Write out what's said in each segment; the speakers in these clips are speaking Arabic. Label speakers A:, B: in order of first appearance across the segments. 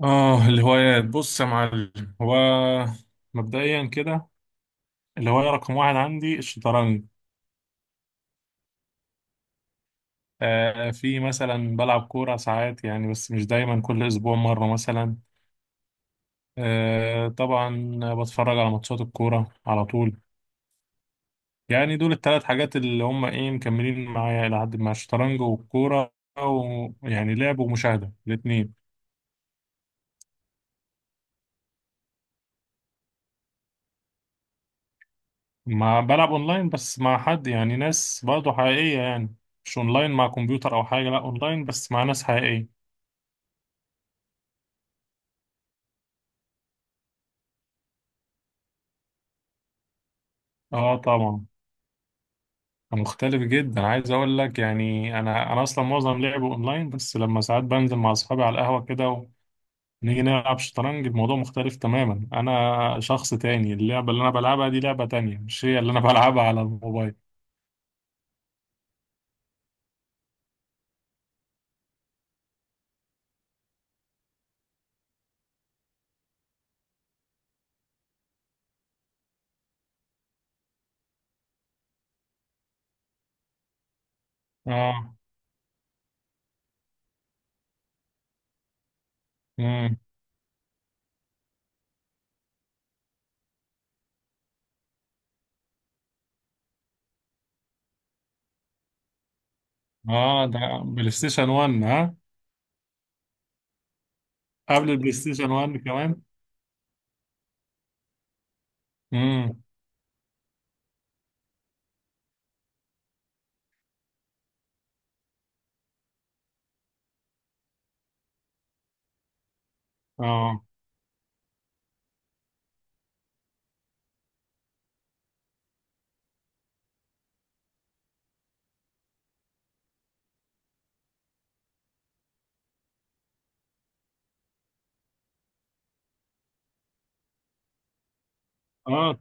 A: اه، الهوايات، بص يا معلم. هو مبدئيا كده، الهواية رقم واحد عندي الشطرنج. آه، في مثلا بلعب كورة ساعات يعني، بس مش دايما، كل أسبوع مرة مثلا. آه طبعا بتفرج على ماتشات الكورة على طول. يعني دول التلات حاجات اللي هم ايه مكملين معايا إلى حد ما، الشطرنج والكورة. ويعني لعب ومشاهدة الاتنين. ما بلعب أونلاين بس مع حد، يعني ناس برضه حقيقية يعني، مش أونلاين مع كمبيوتر أو حاجة، لأ أونلاين بس مع ناس حقيقية. اه طبعا. مختلف جدا، عايز اقول لك يعني انا اصلا معظم لعبه اونلاين، بس لما ساعات بنزل مع اصحابي على القهوه كده ونيجي نلعب شطرنج، الموضوع مختلف تماما، انا شخص تاني، اللعبه اللي انا بلعبها دي لعبه تانية، مش هي اللي انا بلعبها على الموبايل. اه. امم. اه، ده بلاي ستيشن 1 ها؟ قبل البلاي ستيشن 1 كمان. امم. اه. اه.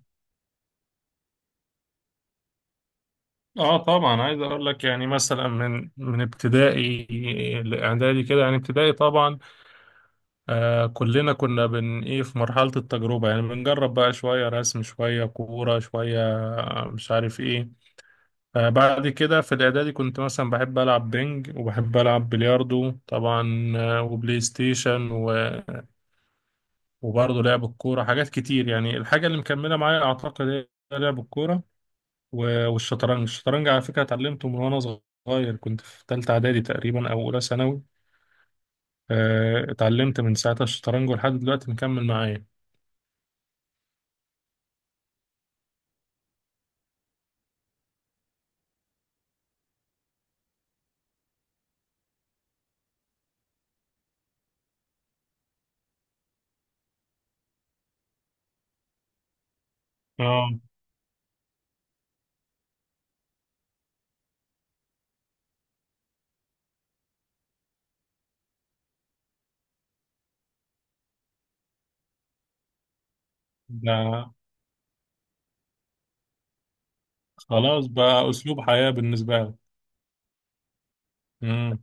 A: اه طبعا، عايز اقول لك يعني مثلا من ابتدائي لاعدادي كده، يعني ابتدائي طبعا. آه، كلنا كنا بن ايه في مرحلة التجربة، يعني بنجرب بقى شوية رسم شوية كورة شوية، آه، مش عارف ايه. آه، بعد كده في الإعدادي كنت مثلا بحب ألعب بينج وبحب ألعب بلياردو طبعا، آه، وبلاي ستيشن و... وبرضه لعب الكورة، حاجات كتير يعني. الحاجة اللي مكملة معايا أعتقد هي لعب الكورة و- والشطرنج. الشطرنج على فكرة اتعلمته من وأنا صغير، كنت في تالتة إعدادي تقريبا أو أولى ثانوي. آه، اتعلمت من ساعتها الشطرنج ولحد دلوقتي مكمل معايا. اه. ده خلاص بقى أسلوب حياة بالنسبة لك. مم.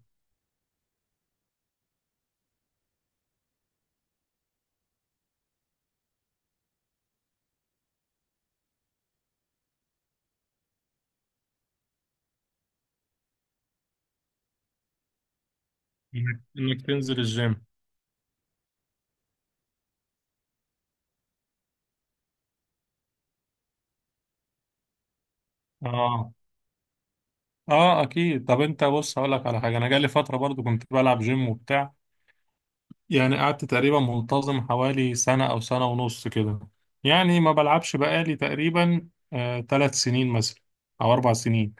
A: إنك تنزل الجيم. آه، آه أكيد. طب أنت بص، هقول لك على حاجة، أنا جالي فترة برضو كنت بلعب جيم وبتاع، يعني قعدت تقريبا منتظم حوالي سنة أو سنة ونص كده. يعني ما بلعبش بقالي تقريبا آه ثلاث سنين مثلا أو أربع سنين.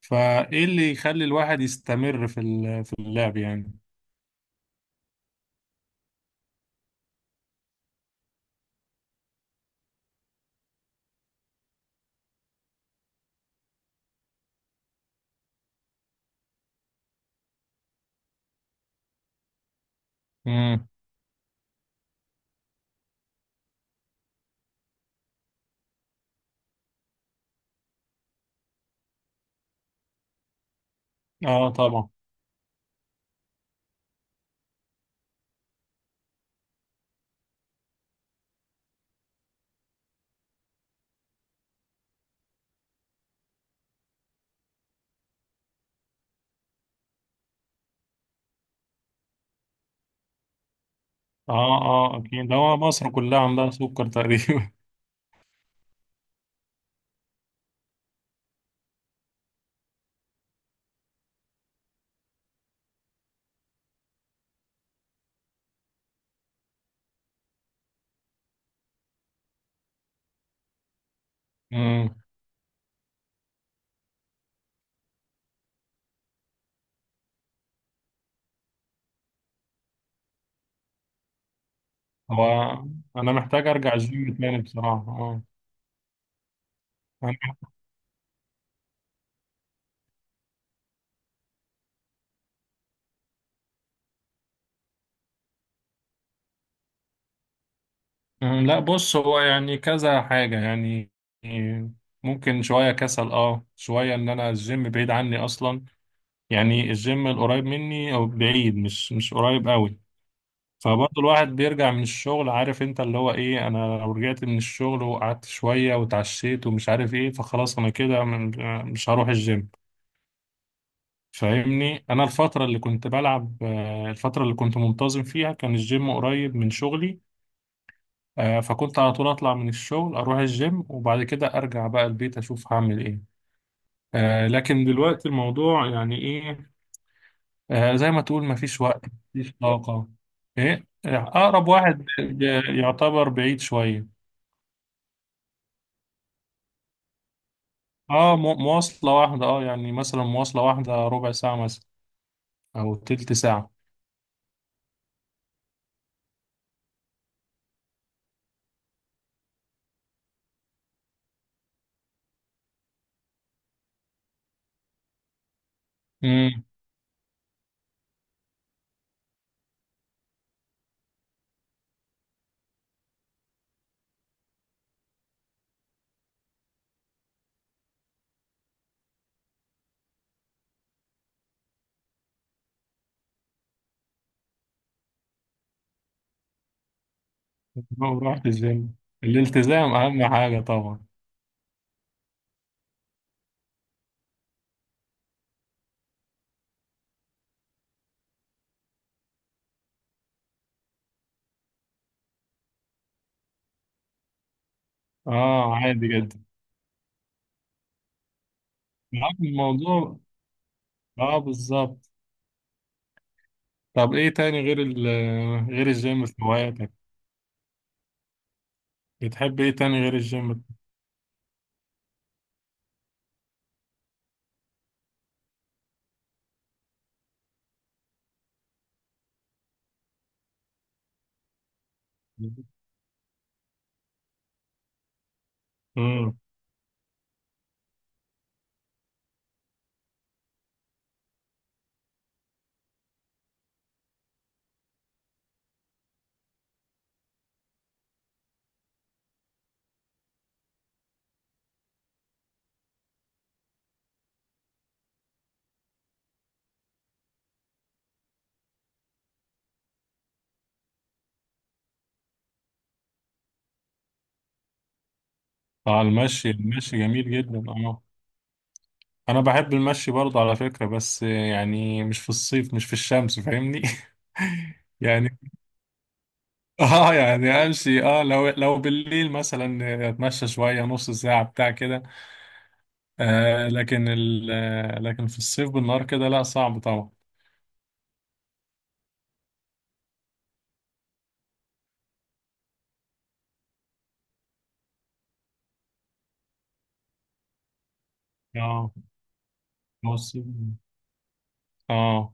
A: فإيه اللي يخلي الواحد يستمر في في اللعب يعني؟ مم. آه طبعا. آه، آه أكيد. ده هو مصر كلها عندها سكر تقريبا. هو انا محتاج ارجع الجيم تاني بصراحه، اه. أنا- أه، لا بص، هو يعني كذا حاجه يعني، ممكن شويه كسل، اه شويه ان انا الجيم بعيد عني اصلا، يعني الجيم القريب مني او بعيد، مش مش قريب قوي. فبرضه الواحد بيرجع من الشغل، عارف انت اللي هو ايه، انا لو رجعت من الشغل وقعدت شويه وتعشيت ومش عارف ايه، فخلاص انا كده مش هروح الجيم. فاهمني، انا الفتره اللي كنت بلعب آه، الفتره اللي كنت منتظم فيها كان الجيم قريب من شغلي. آه، فكنت على طول اطلع من الشغل اروح الجيم وبعد كده ارجع بقى البيت اشوف هعمل ايه. آه، لكن دلوقتي الموضوع يعني ايه، آه، زي ما تقول، مفيش وقت. مفيش طاقه. ايه آه، اقرب واحد يعتبر بعيد شويه. اه، مواصله واحده، اه يعني مثلا مواصله واحده ربع ساعه مثلا او تلت ساعه. امم. رحت الجيم، الالتزام اهم حاجه طبعا. اه عادي جدا. معاك في الموضوع. اه بالظبط. طب ايه تاني غير غير الجيم في هواياتك؟ بتحب ايه تاني غير الجيم؟ امم. اه، المشي. المشي جميل جدا اه. انا بحب المشي برضه على فكرة، بس يعني مش في الصيف، مش في الشمس، فاهمني. يعني اه، يعني امشي اه، لو بالليل مثلا اتمشى شوية، نص ساعة بتاع كده. آه لكن ال آه، لكن في الصيف بالنهار كده، لا صعب طبعا. اه. هو الصيف. اه.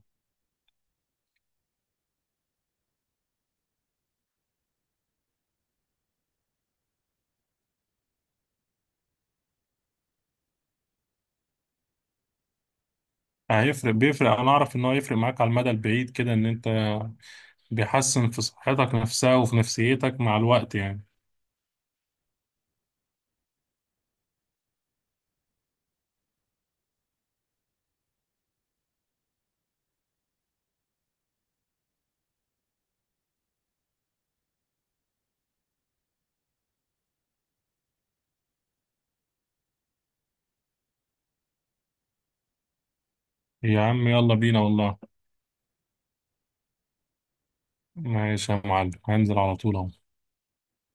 A: هيفرق، بيفرق. انا اعرف ان هو يفرق معاك على المدى البعيد كده، ان انت بيحسن في صحتك نفسها وفي نفسيتك مع الوقت يعني. يا عم يلا بينا والله. ماشي يا معلم، هنزل على طول اهو.